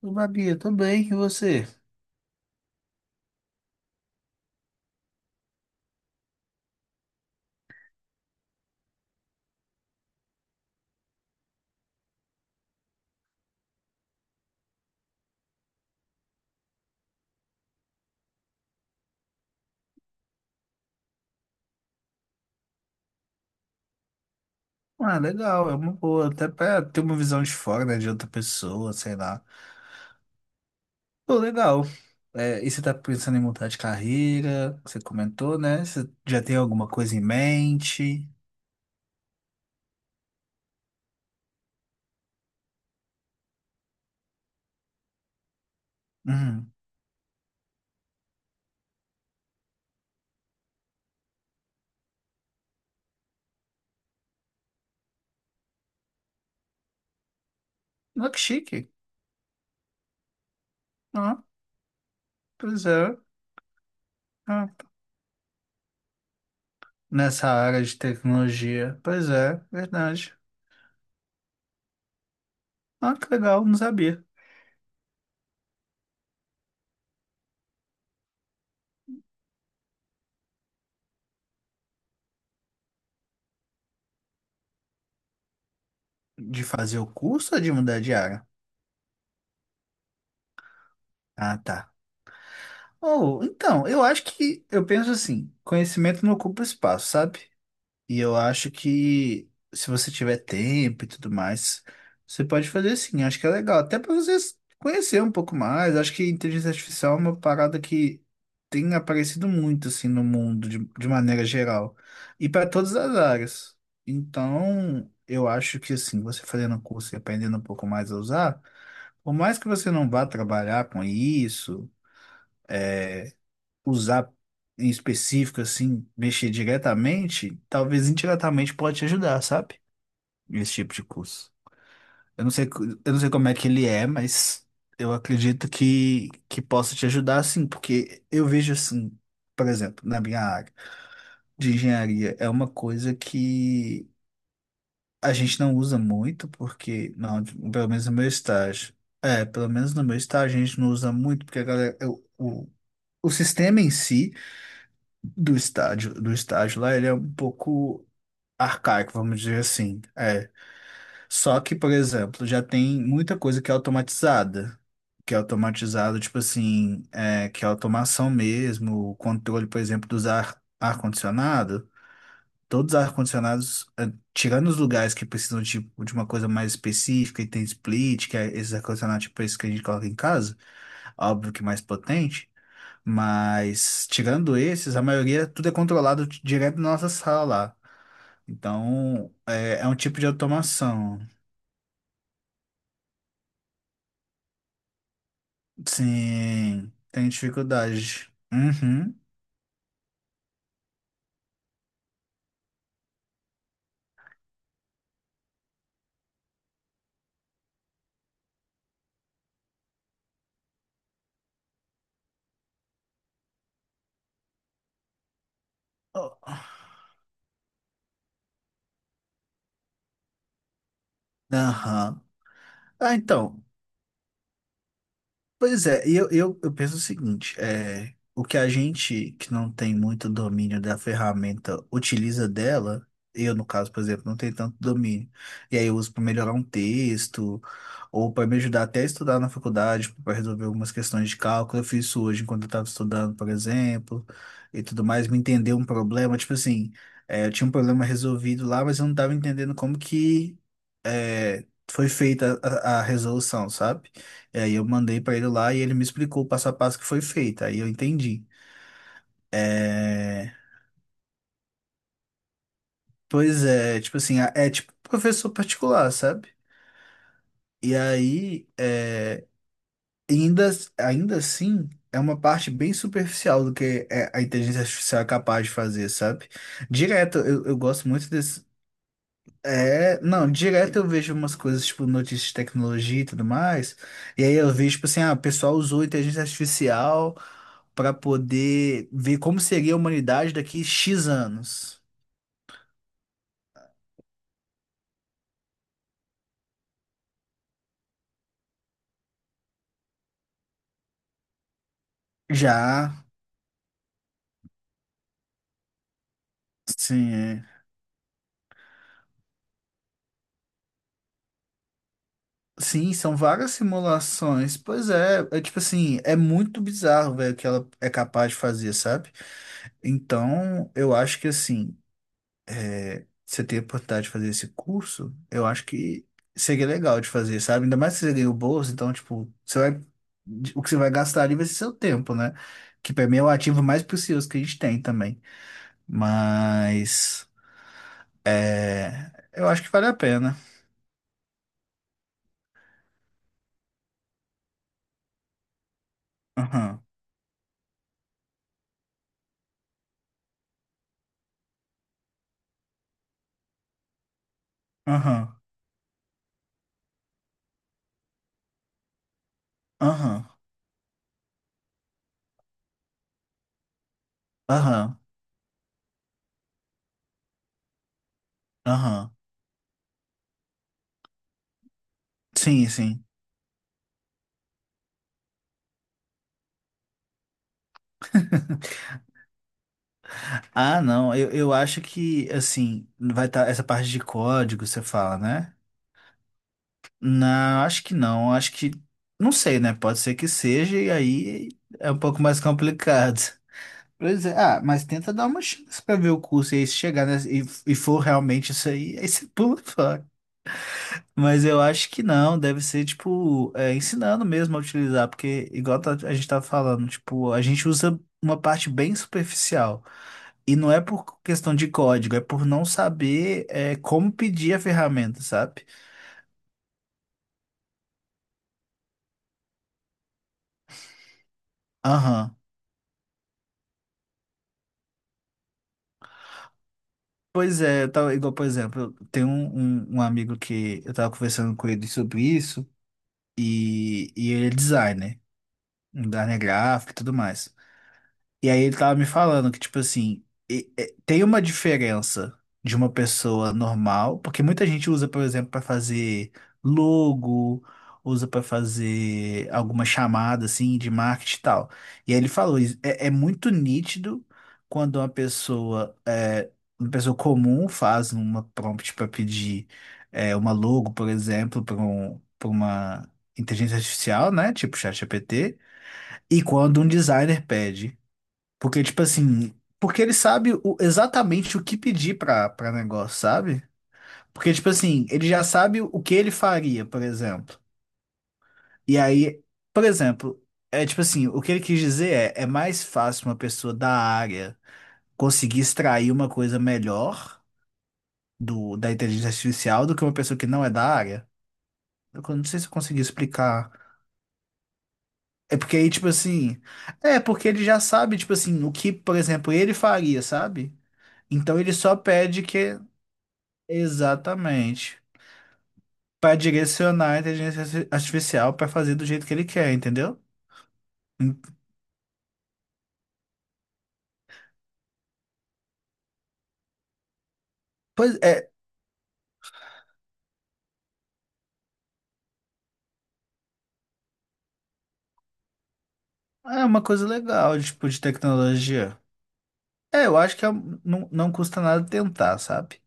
Ô, Babi, eu tô bem, e você? Ah, legal, é uma boa, até pra ter uma visão de fora, né, de outra pessoa, sei lá. Pô, legal. É, e você tá pensando em mudar de carreira? Você comentou, né? Você já tem alguma coisa em mente? Hum, olha que chique. Ah, pois é. Ah, nessa área de tecnologia. Pois é, verdade. Ah, que legal, não sabia. De fazer o curso ou de mudar de área? Ah, tá. Oh, então, eu penso assim, conhecimento não ocupa espaço, sabe? E eu acho que se você tiver tempo e tudo mais, você pode fazer sim, acho que é legal, até para você conhecer um pouco mais, acho que inteligência artificial é uma parada que tem aparecido muito, assim, no mundo, de maneira geral, e para todas as áreas. Então, eu acho que, assim, você fazendo um curso e aprendendo um pouco mais a usar, por mais que você não vá trabalhar com isso, usar em específico, assim, mexer diretamente, talvez indiretamente pode te ajudar, sabe? Esse tipo de curso. Eu não sei, eu não sei como é que ele é, mas eu acredito que possa te ajudar, sim, porque eu vejo assim, por exemplo, na minha área de engenharia, é uma coisa que a gente não usa muito, porque, não, pelo menos no meu estágio. É, pelo menos no meu estágio a gente não usa muito, porque a galera, o, o o sistema em si. Do estádio, do estádio lá, ele é um pouco arcaico, vamos dizer assim. É. Só que, por exemplo, já tem muita coisa que é automatizada. Que é automatizada, tipo assim, é, que é automação mesmo, o controle, por exemplo, dos ar, ar-condicionado. Todos os ar-condicionados, é, tirando os lugares que precisam de uma coisa mais específica, e tem split, que é esses ar-condicionados, tipo esse que a gente coloca em casa, óbvio que mais potente. Mas, tirando esses, a maioria tudo é controlado direto na nossa sala lá. Então, é, é um tipo de automação. Sim, tem dificuldade. Uhum. Oh, aham. Ah, então. Pois é, e eu penso o seguinte, é, o que a gente que não tem muito domínio da ferramenta utiliza dela, eu no caso, por exemplo, não tenho tanto domínio, e aí eu uso para melhorar um texto, ou para me ajudar até a estudar na faculdade, para resolver algumas questões de cálculo, eu fiz isso hoje enquanto eu estava estudando, por exemplo, e tudo mais, me entender um problema, tipo assim, é, eu tinha um problema resolvido lá, mas eu não estava entendendo como que é, foi feita a resolução, sabe? É, e aí eu mandei pra ele lá e ele me explicou o passo a passo que foi feito. Aí eu entendi. É... Pois é, tipo assim, é tipo professor particular, sabe? E aí, é... ainda, ainda assim, é uma parte bem superficial do a inteligência artificial é capaz de fazer, sabe? Direto, eu gosto muito desse. É, não, direto eu vejo umas coisas, tipo, notícias de tecnologia e tudo mais. E aí eu vejo, tipo assim, ah, o pessoal usou inteligência artificial para poder ver como seria a humanidade daqui X anos. Já, sim, é. Sim, são várias simulações. Pois é, é tipo assim, é muito bizarro, velho, o que ela é capaz de fazer, sabe? Então, eu acho que assim, você ter a oportunidade de fazer esse curso, eu acho que seria legal de fazer, sabe? Ainda mais se você ganha o bolso, então, tipo, você vai, o que você vai gastar ali vai ser seu tempo, né? Que pra mim é o ativo mais precioso que a gente tem também. Mas. Eu acho que vale a pena. Aham, aham, aham, aham, aham. Sim, sim. Ah, não, eu acho que, assim, vai estar essa parte de código, você fala, né? Não, acho que não, acho que, não sei, né? Pode ser que seja, e aí é um pouco mais complicado. Pois é, ah, mas tenta dar uma chance pra ver o curso, e aí se chegar, né? E for realmente isso aí, aí você pula fora. Mas eu acho que não, deve ser, tipo, é, ensinando mesmo a utilizar, porque, a gente tá falando, tipo, a gente usa uma parte bem superficial. E não é por questão de código, é por não saber, é, como pedir a ferramenta, sabe? Aham. Pois é, eu tava, igual, por exemplo, eu tenho um amigo que eu tava conversando com ele sobre isso, e ele é designer, um designer gráfico e tudo mais. E aí ele tava me falando que, tipo assim, tem uma diferença de uma pessoa normal, porque muita gente usa, por exemplo, para fazer logo, usa para fazer alguma chamada assim de marketing e tal. E aí ele falou, isso é, é muito nítido quando uma pessoa, é, uma pessoa comum faz uma prompt para pedir é, uma logo, por exemplo, para uma inteligência artificial, né? Tipo ChatGPT, e quando um designer pede. Porque, tipo assim, porque ele sabe exatamente o que pedir pra negócio, sabe? Porque, tipo assim, ele já sabe o que ele faria, por exemplo. E aí, por exemplo, é tipo assim, o que ele quis dizer é, é mais fácil uma pessoa da área conseguir extrair uma coisa melhor do, da inteligência artificial do que uma pessoa que não é da área. Eu não sei se eu consegui explicar. É porque aí, tipo assim, é porque ele já sabe, tipo assim, o que, por exemplo, ele faria, sabe? Então ele só pede que exatamente. Para direcionar a inteligência artificial para fazer do jeito que ele quer, entendeu? Hum, Pois é, é uma coisa legal, tipo, de tecnologia. É, eu acho que não, não custa nada tentar, sabe?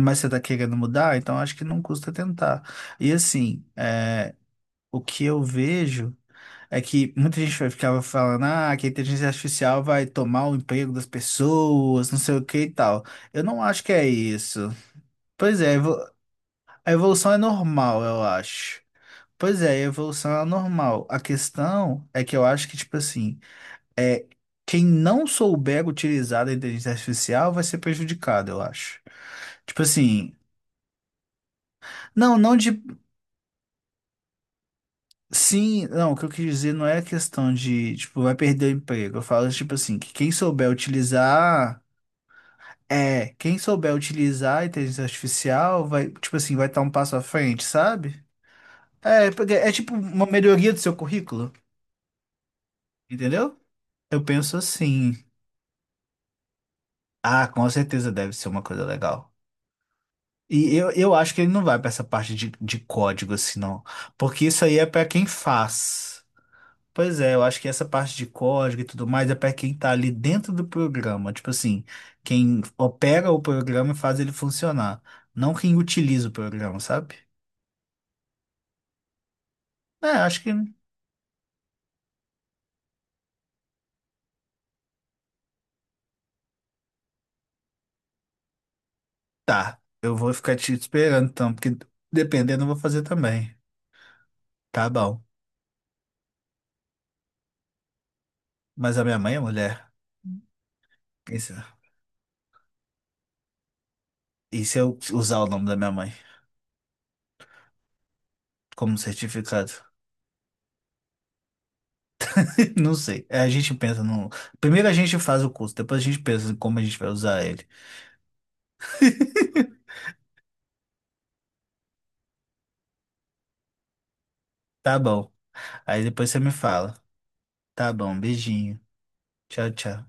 Mas você tá querendo mudar, então acho que não custa tentar. E assim, é, o que eu vejo é que muita gente ficava falando, ah, que a inteligência artificial vai tomar o emprego das pessoas, não sei o que e tal. Eu não acho que é isso. Pois é, a evolução é normal, eu acho. Pois é, a evolução é normal. A questão é que eu acho que, tipo assim, é quem não souber utilizar a inteligência artificial vai ser prejudicado, eu acho. Tipo assim, não, não de. Sim, não, o que eu quis dizer não é questão de, tipo, vai perder o emprego. Eu falo, tipo assim, que quem souber utilizar. É, quem souber utilizar a inteligência artificial vai, tipo assim, vai estar um passo à frente, sabe? É, porque é tipo uma melhoria do seu currículo, entendeu? Eu penso assim, ah, com certeza deve ser uma coisa legal. E eu acho que ele não vai pra essa parte de código assim, não. Porque isso aí é pra quem faz. Pois é, eu acho que essa parte de código e tudo mais é pra quem tá ali dentro do programa. Tipo assim, quem opera o programa e faz ele funcionar. Não quem utiliza o programa, sabe? É, acho que tá. Eu vou ficar te esperando então, porque dependendo eu vou fazer também. Tá bom. Mas a minha mãe é mulher. Isso. E se eu usar o nome da minha mãe como certificado? Não sei. É, a gente pensa no. Primeiro a gente faz o curso, depois a gente pensa em como a gente vai usar ele. Tá bom. Aí depois você me fala. Tá bom, beijinho. Tchau, tchau.